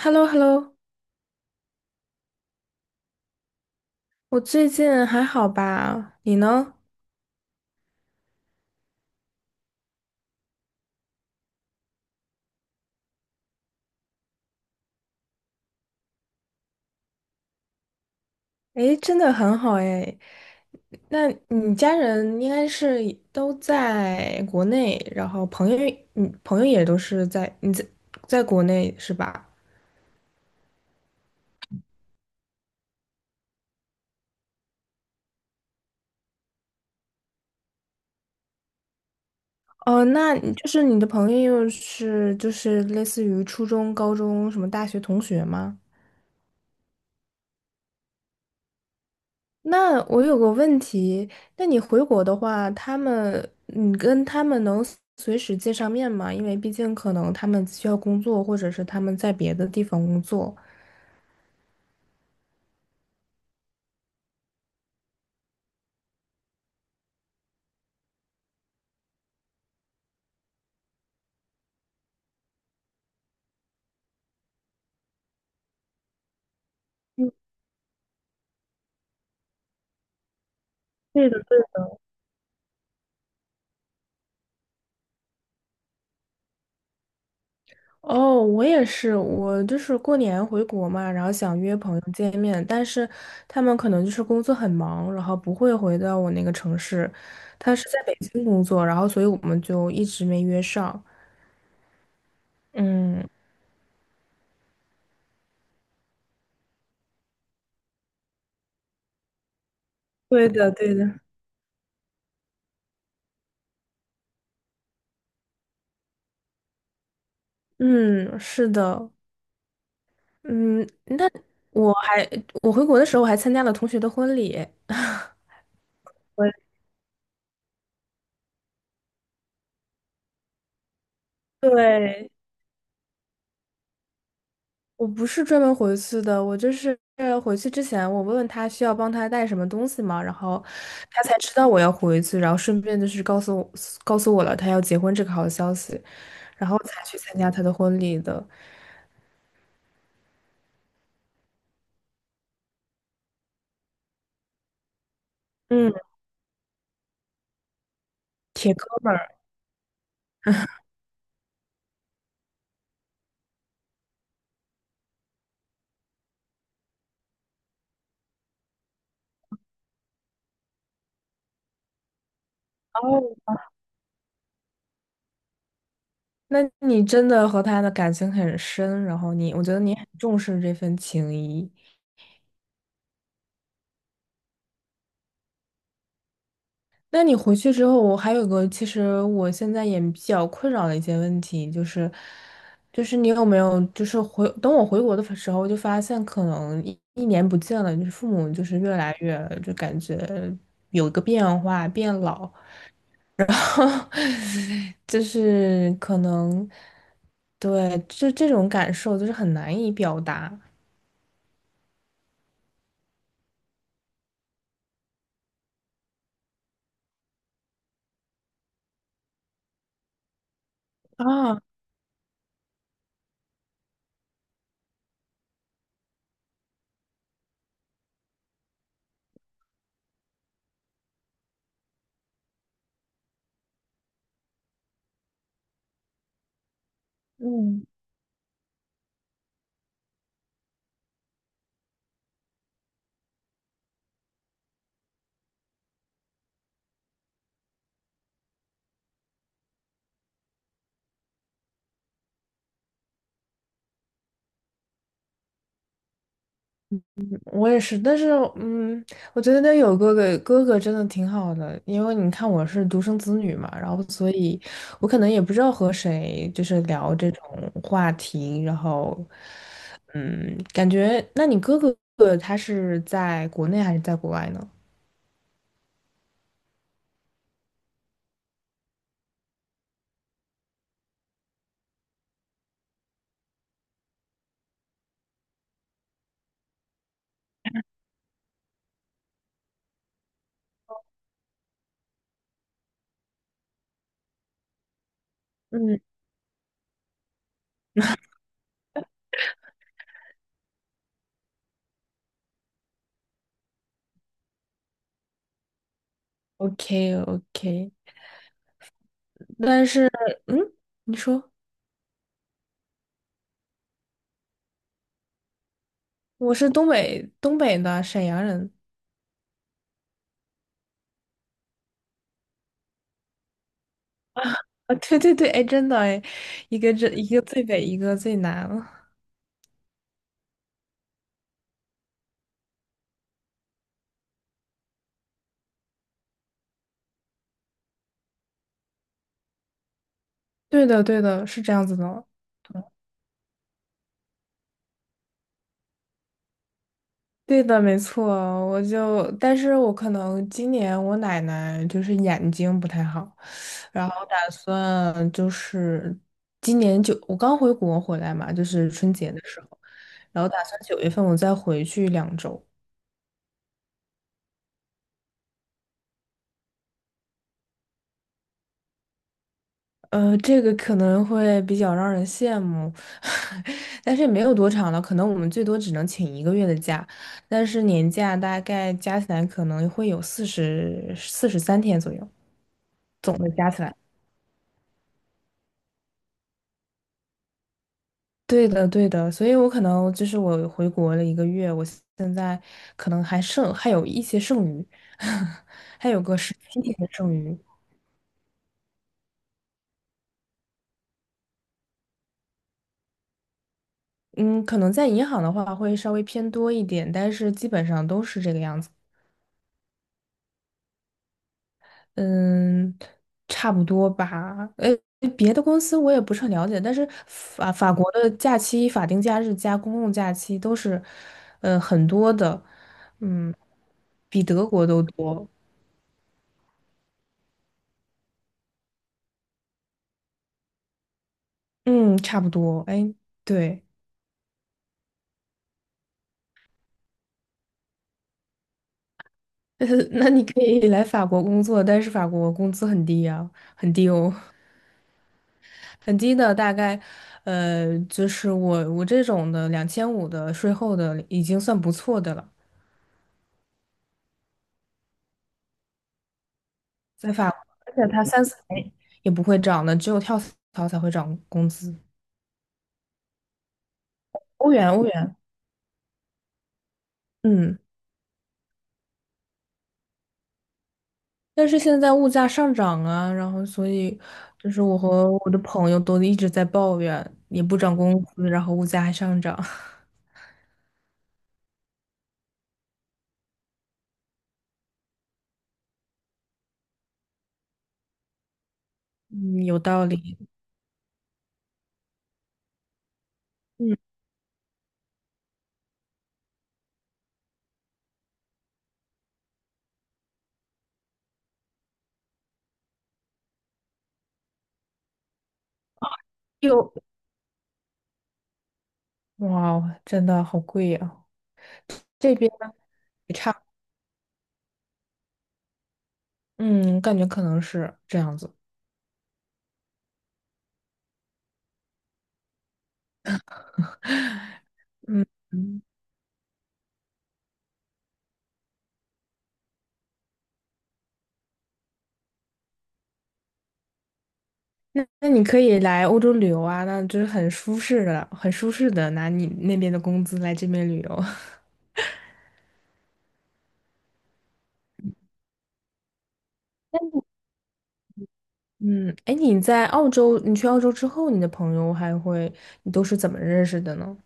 H e l l o, h e l l o. 我最近还好吧？你呢？诶，真的很好诶。那你家人应该是都在国内，然后朋友，你朋友也都是在你在在国内是吧？哦，那你就是你的朋友是就是类似于初中、高中什么大学同学吗？那我有个问题，那你回国的话，你跟他们能随时见上面吗？因为毕竟可能他们需要工作，或者是他们在别的地方工作。对的。哦，我也是，我就是过年回国嘛，然后想约朋友见面，但是他们可能就是工作很忙，然后不会回到我那个城市。他是在北京工作，然后所以我们就一直没约上。嗯，对的，对的。嗯，是的。嗯，我还我回国的时候，我还参加了同学的婚礼。我 对，我不是专门回去的，我就是回去之前，我问问他需要帮他带什么东西嘛，然后他才知道我要回去，然后顺便就是告诉我了他要结婚这个好消息，然后才去参加他的婚礼的。嗯，铁哥们儿。哦，那你真的和他的感情很深，然后你，我觉得你很重视这份情谊。那你回去之后，我还有个，其实我现在也比较困扰的一些问题，就是，就是你有没有，就是回，等我回国的时候，就发现可能一年不见了，就是父母就是越来越，就感觉有一个变化，变老，就是可能，对，就这种感受就是很难以表达啊。我也是，但是嗯，我觉得那有哥哥，哥哥真的挺好的，因为你看我是独生子女嘛，然后所以我可能也不知道和谁就是聊这种话题，然后嗯，感觉那你哥哥他是在国内还是在国外呢？嗯，OK OK,但是嗯，你说我是东北东北的沈阳人啊，对对对，哎，真的哎，一个最北，一个最南。对的，对的，是这样子的。对的，没错，我就，但是我可能今年我奶奶就是眼睛不太好，然后打算就是今年九，我刚回国回来嘛，就是春节的时候，然后打算9月份我再回去2周，呃，这个可能会比较让人羡慕，但是也没有多长了，可能我们最多只能请一个月的假，但是年假大概加起来可能会有43天左右，总的加起来。对的，对的，所以我可能就是我回国了一个月，我现在可能还有一些剩余，还有个17天的剩余。嗯，可能在银行的话会稍微偏多一点，但是基本上都是这个样子。嗯，差不多吧。呃，别的公司我也不是很了解，但是法国的假期、法定假日加公共假期都是，呃，很多的，嗯，比德国都多。嗯，差不多。哎，对，那你可以来法国工作，但是法国工资很低啊，很低哦，很低的，大概，呃，就是我这种的2500的税后的已经算不错的了。在法国，而且它三四年也不会涨的，只有跳槽才会涨工资。欧元，欧元，嗯。但是现在物价上涨啊，然后所以就是我和我的朋友都一直在抱怨，也不涨工资，然后物价还上涨。嗯，有道理。嗯，又哇哦真的好贵呀、这边也差，嗯，感觉可能是这样子。嗯。嗯，那那你可以来欧洲旅游啊，那就是很舒适的，很舒适的拿你那边的工资来这边旅游。嗯，哎，你在澳洲，你去澳洲之后，你的朋友还会，你都是怎么认识的呢？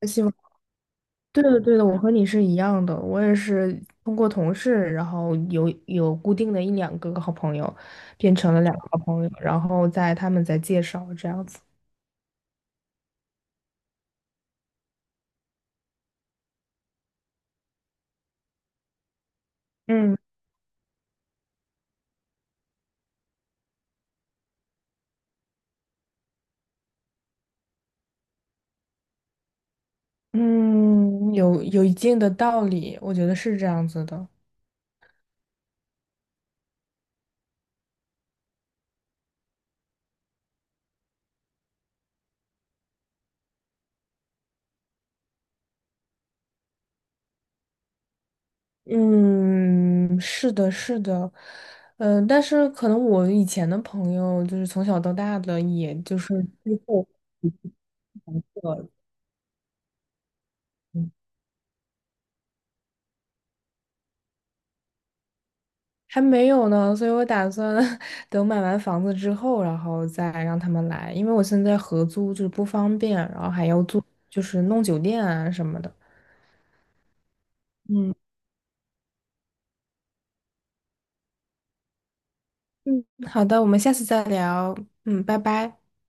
我希望对的对的，我和你是一样的，我也是通过同事，然后有固定的一两个好朋友，变成了两个好朋友，然后在他们在介绍这样子。嗯嗯，有一定的道理，我觉得是这样子的。嗯，是的，是的，嗯、但是可能我以前的朋友就是从小到大的，也就是还没有呢，所以我打算 等买完房子之后，然后再让他们来，因为我现在合租就是不方便，然后还要住，就是弄酒店啊什么的。嗯。嗯，好的，我们下次再聊，嗯，拜拜。